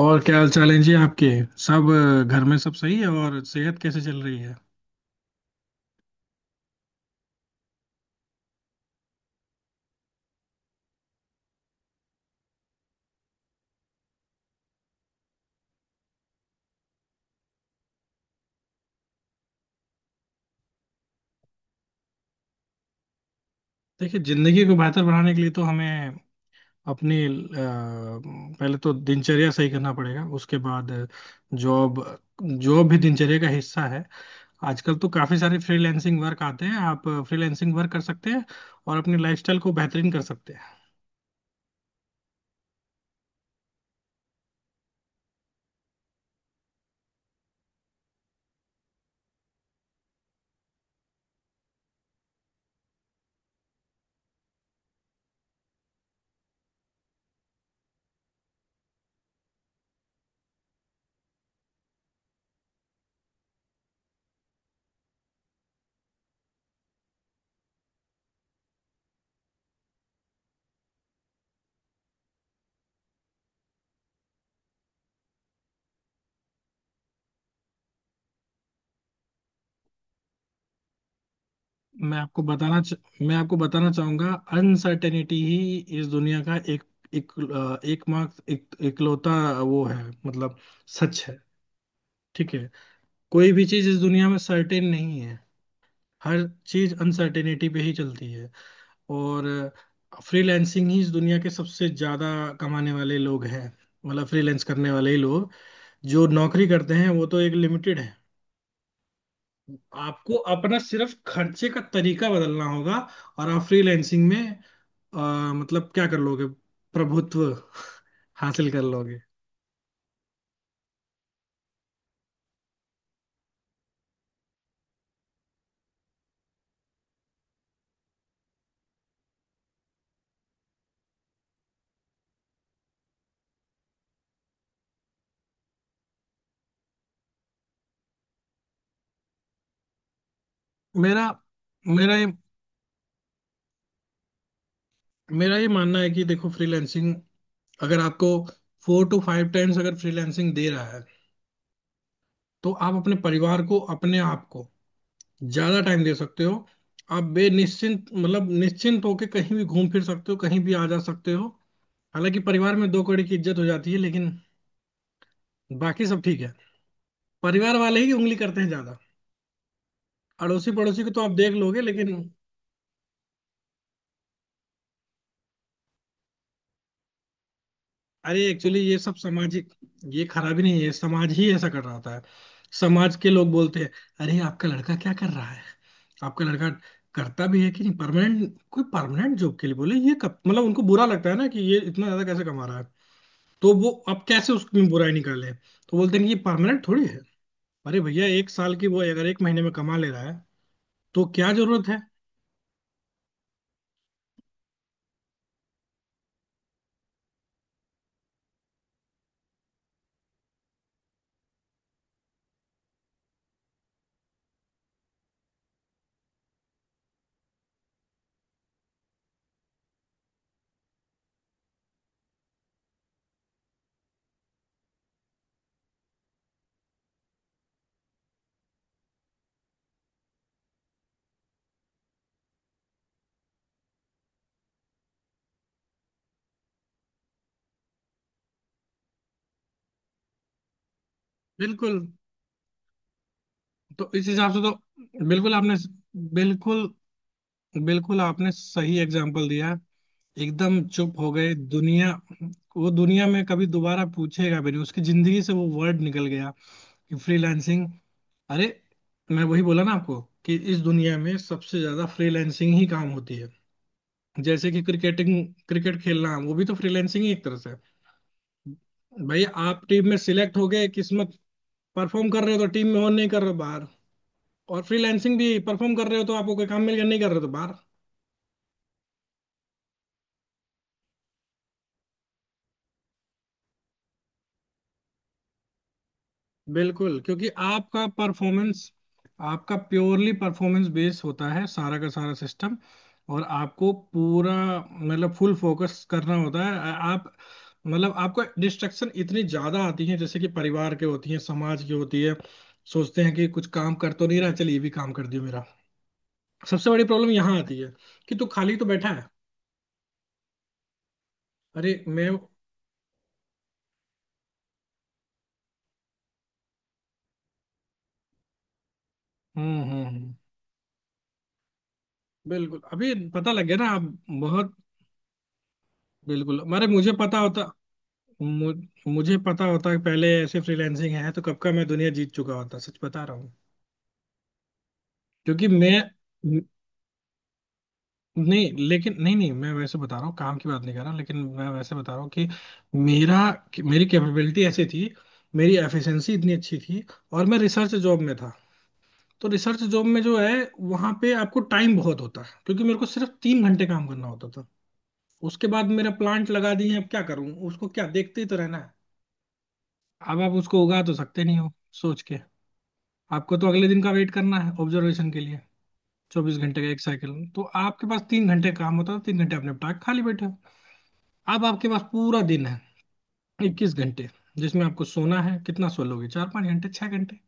और क्या हाल चाल है जी आपके। सब घर में सब सही है। और सेहत कैसे चल रही है? देखिए, जिंदगी को बेहतर बनाने के लिए तो हमें अपनी पहले तो दिनचर्या सही करना पड़ेगा। उसके बाद जॉब, जॉब भी दिनचर्या का हिस्सा है। आजकल तो काफी सारे फ्रीलैंसिंग वर्क आते हैं, आप फ्रीलैंसिंग वर्क कर सकते हैं और अपनी लाइफस्टाइल को बेहतरीन कर सकते हैं। मैं आपको बताना च- मैं आपको बताना चाहूंगा, अनसर्टेनिटी ही इस दुनिया का एक एक अ, एकमात्र इकलौता वो है, मतलब सच है। ठीक है, कोई भी चीज इस दुनिया में सर्टेन नहीं है। हर चीज अनसर्टेनिटी पे ही चलती है। और फ्रीलैंसिंग ही इस दुनिया के सबसे ज्यादा कमाने वाले लोग हैं, मतलब फ्रीलैंस करने वाले ही लोग। जो नौकरी करते हैं वो तो एक लिमिटेड है। आपको अपना सिर्फ खर्चे का तरीका बदलना होगा, और आप फ्रीलैंसिंग में अ, मतलब क्या कर लोगे? प्रभुत्व हासिल कर लोगे। मेरा मेरा ये मेरा ये मानना है कि देखो, फ्रीलैंसिंग अगर आपको 4 to 5 times अगर फ्रीलैंसिंग दे रहा है तो आप अपने परिवार को, अपने आप को ज्यादा टाइम दे सकते हो। आप बेनिश्चिंत मतलब निश्चिंत होकर कहीं भी घूम फिर सकते हो, कहीं भी आ जा सकते हो। हालांकि परिवार में दो कौड़ी की इज्जत हो जाती है, लेकिन बाकी सब ठीक है। परिवार वाले ही उंगली करते हैं ज्यादा। अड़ोसी पड़ोसी को तो आप देख लोगे, लेकिन अरे, एक्चुअली ये सब सामाजिक, ये खराबी नहीं है, समाज ही ऐसा कर रहा होता है। समाज के लोग बोलते हैं, अरे आपका लड़का क्या कर रहा है? आपका लड़का करता भी है कि नहीं परमानेंट, कोई परमानेंट जॉब के लिए बोले। ये कब मतलब उनको बुरा लगता है ना कि ये इतना ज्यादा कैसे कमा रहा है। तो वो अब कैसे उसमें बुराई निकाले, तो बोलते हैं कि ये परमानेंट थोड़ी है। अरे भैया, 1 साल की वो अगर 1 महीने में कमा ले रहा है तो क्या जरूरत है? बिल्कुल। तो इस हिसाब से तो बिल्कुल आपने, बिल्कुल, बिल्कुल आपने सही एग्जाम्पल दिया। एकदम चुप हो गए दुनिया। वो दुनिया में कभी दोबारा पूछेगा भी नहीं, उसकी जिंदगी से वो वर्ड निकल गया कि फ्रीलांसिंग। अरे, मैं वही बोला ना आपको कि इस दुनिया में सबसे ज्यादा फ्रीलांसिंग ही काम होती है। जैसे कि क्रिकेटिंग, क्रिकेट खेलना, वो भी तो फ्रीलांसिंग ही एक तरह से है। भाई आप टीम में सिलेक्ट हो गए किस्मत, परफॉर्म कर रहे हो तो टीम में हो, नहीं कर रहे हो बाहर। और फ्रीलांसिंग भी, परफॉर्म कर रहे हो तो आपको कोई काम मिल गया, नहीं कर रहे हो तो बाहर। बिल्कुल, क्योंकि आपका परफॉर्मेंस, आपका प्योरली परफॉर्मेंस बेस होता है, सारा का सारा सिस्टम। और आपको पूरा मतलब फुल फोकस करना होता है। आप मतलब आपको डिस्ट्रक्शन इतनी ज्यादा आती है, जैसे कि परिवार के होती है, समाज की होती है। सोचते हैं कि कुछ काम कर तो नहीं रहा, चल ये भी काम कर दियो मेरा। सबसे बड़ी प्रॉब्लम यहाँ आती है कि तू खाली तो बैठा है। अरे मैं, हम्म हम्म हम्म, बिल्कुल अभी पता लग गया ना आप। बहुत बिल्कुल, अरे मुझे पता होता, मु, मुझे पता होता कि पहले ऐसे फ्रीलांसिंग है तो कब का मैं दुनिया जीत चुका होता, सच बता रहा हूँ। क्योंकि मैं, नहीं लेकिन, नहीं नहीं, मैं वैसे बता रहा हूँ काम की बात नहीं कर रहा, लेकिन मैं वैसे बता रहा हूँ कि मेरा कि मेरी कैपेबिलिटी ऐसी थी, मेरी एफिशिएंसी इतनी अच्छी थी। और मैं रिसर्च जॉब में था। तो रिसर्च जॉब में जो है, वहाँ पे आपको टाइम बहुत होता है, क्योंकि मेरे को सिर्फ 3 घंटे काम करना होता था। उसके बाद मेरा प्लांट लगा दिए, अब क्या करूँ उसको, क्या देखते ही तो रहना है, अब आप उसको उगा तो सकते नहीं हो सोच के। आपको तो अगले दिन का वेट करना है ऑब्जर्वेशन के लिए। 24 घंटे का एक साइकिल, तो आपके पास 3 घंटे काम होता है, 3 घंटे आप निपटा के खाली बैठे हो। अब आपके पास पूरा दिन है, 21 घंटे, जिसमें आपको सोना है, कितना सो लोगे? 4-5 घंटे, 6 घंटे।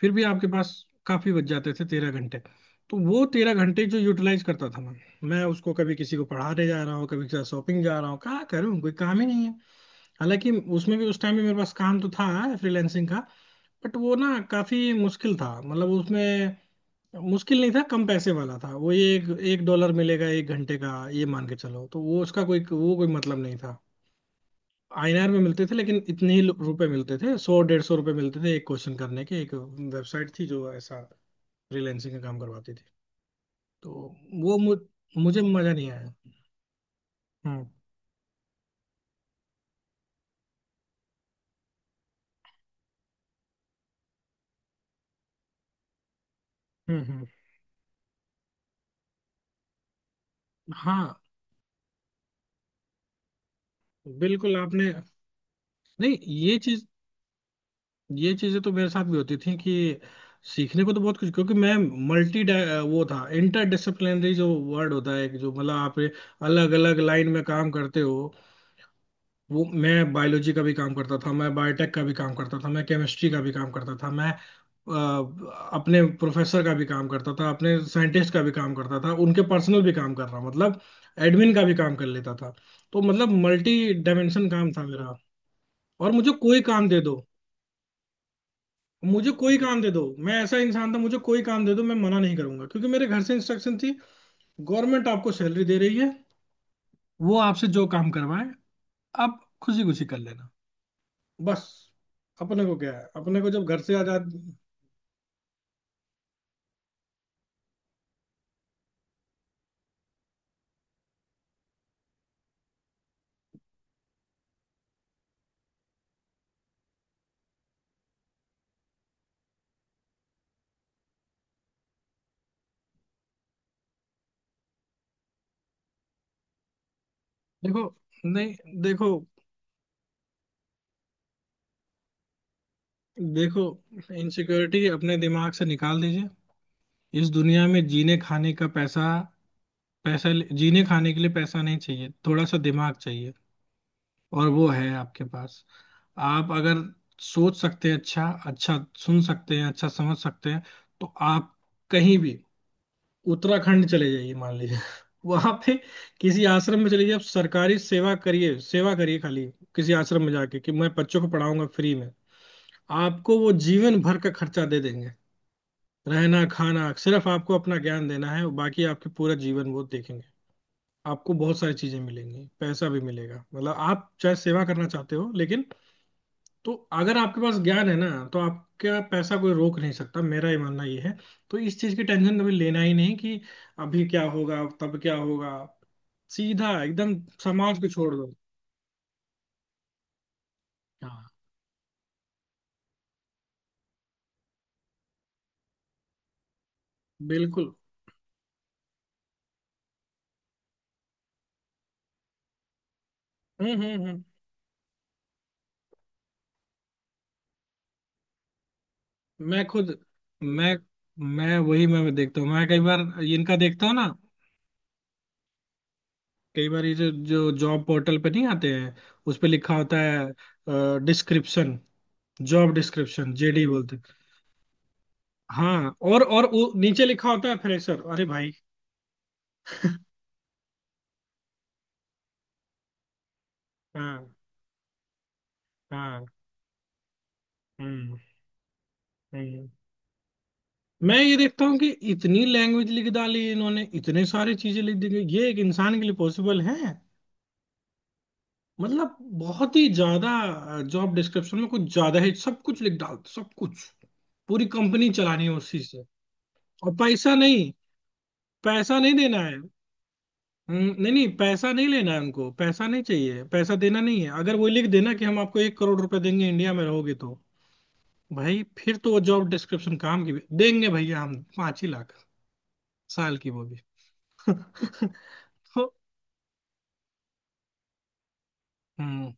फिर भी आपके पास काफी बच जाते थे 13 घंटे। तो वो 13 घंटे जो यूटिलाइज करता था मैं, उसको कभी किसी को पढ़ाने जा रहा हूँ, कभी किसी शॉपिंग जा रहा हूँ, क्या करूँ कोई काम ही नहीं है। हालांकि उसमें भी, उस टाइम भी मेरे पास काम तो था फ्रीलैंसिंग का, बट वो ना काफी मुश्किल था, मतलब उसमें मुश्किल नहीं था, कम पैसे वाला था वो। ये $1 मिलेगा 1 घंटे का, ये मान के चलो, तो वो उसका कोई, वो कोई मतलब नहीं था। INR में मिलते थे लेकिन इतने ही रुपए मिलते थे, 100-150 रुपए मिलते थे एक क्वेश्चन करने के। एक वेबसाइट थी जो ऐसा फ्रीलैंसिंग का काम करवाती थी। तो वो मु, मुझे मजा नहीं आया। हम्म हम्म हम्म। हाँ बिल्कुल आपने, नहीं, ये चीज, ये चीजें तो मेरे साथ भी होती थी कि सीखने को तो बहुत कुछ, क्योंकि मैं मल्टी, वो था इंटर डिसिप्लिनरी जो वर्ड होता है, कि जो मतलब आप अलग अलग लाइन में काम करते हो। वो मैं बायोलॉजी का भी काम करता था, मैं बायोटेक का भी काम करता था, मैं केमिस्ट्री का भी काम करता था, मैं अपने प्रोफेसर का भी काम करता था, अपने साइंटिस्ट का भी काम करता था, उनके पर्सनल भी काम कर रहा, मतलब एडमिन का भी काम कर लेता था। तो मतलब मल्टी डायमेंशन काम था मेरा। और मुझे कोई काम दे दो, मुझे कोई काम दे दो, मैं ऐसा इंसान था, मुझे कोई काम दे दो मैं मना नहीं करूंगा, क्योंकि मेरे घर से इंस्ट्रक्शन थी, गवर्नमेंट आपको सैलरी दे रही है, वो आपसे जो काम करवाए आप खुशी खुशी कर लेना, बस। अपने को क्या है, अपने को जब घर से आजाद। देखो, नहीं देखो, देखो, इनसिक्योरिटी अपने दिमाग से निकाल दीजिए। इस दुनिया में जीने खाने का पैसा, पैसा जीने खाने के लिए पैसा नहीं चाहिए, थोड़ा सा दिमाग चाहिए, और वो है आपके पास। आप अगर सोच सकते हैं, अच्छा अच्छा सुन सकते हैं, अच्छा समझ सकते हैं, तो आप कहीं भी, उत्तराखंड चले जाइए मान लीजिए वहां पे किसी आश्रम में चले जाइए, आप सरकारी सेवा करिए, सेवा करिए खाली। किसी आश्रम में जाके कि मैं बच्चों को पढ़ाऊंगा फ्री में, आपको वो जीवन भर का खर्चा दे देंगे, रहना खाना। सिर्फ आपको अपना ज्ञान देना है, बाकी आपके पूरा जीवन वो देखेंगे। आपको बहुत सारी चीजें मिलेंगी, पैसा भी मिलेगा, मतलब आप चाहे सेवा करना चाहते हो लेकिन। तो अगर आपके पास ज्ञान है ना, तो आपका पैसा कोई रोक नहीं सकता, मेरा ये मानना ये है। तो इस चीज की टेंशन कभी लेना ही नहीं कि अभी क्या होगा तब क्या होगा, सीधा एकदम। समाज को छोड़ दो। हाँ, बिल्कुल। हम्म। मैं खुद मैं मैं देखता हूँ, मैं कई बार इनका देखता हूँ ना, कई बार ये जो जो जॉब पोर्टल पे नहीं आते हैं, उस पे लिखा होता है डिस्क्रिप्शन, जॉब डिस्क्रिप्शन JD बोलते हैं। हाँ, और वो नीचे लिखा होता है फ्रेशर, अरे भाई। हाँ हाँ, हम्म हम्म। मैं ये देखता हूँ कि इतनी लैंग्वेज लिख डाली इन्होंने, इतने सारी चीजें लिख दी गई, ये एक इंसान के लिए पॉसिबल है? मतलब बहुत ही ज्यादा जॉब डिस्क्रिप्शन में कुछ ज्यादा ही सब कुछ लिख डालते, सब कुछ, पूरी कंपनी चलानी है उसी से। और पैसा नहीं, पैसा नहीं देना है। नहीं नहीं पैसा नहीं लेना है उनको, पैसा नहीं चाहिए, पैसा देना नहीं है। अगर वो लिख देना कि हम आपको 1 करोड़ रुपए देंगे इंडिया में रहोगे तो भाई, फिर तो वो जॉब डिस्क्रिप्शन काम की देंगे भैया हम 5 ही लाख साल की, वो भी तो हम्म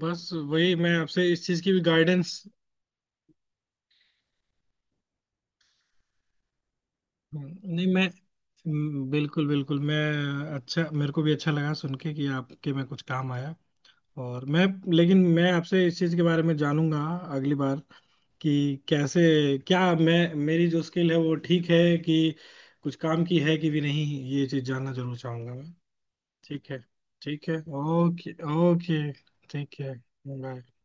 बस वही, मैं आपसे इस चीज की भी गाइडेंस, नहीं मैं, बिल्कुल बिल्कुल, मैं, अच्छा मेरे को भी अच्छा लगा सुन के कि आपके में कुछ काम आया, और मैं, लेकिन मैं आपसे इस चीज के बारे में जानूंगा अगली बार कि कैसे, क्या मैं, मेरी जो स्किल है वो ठीक है कि कुछ काम की है कि भी नहीं, ये चीज जानना जरूर चाहूंगा मैं। ठीक है, ठीक है, ओके ओके, ठीक है। बाय।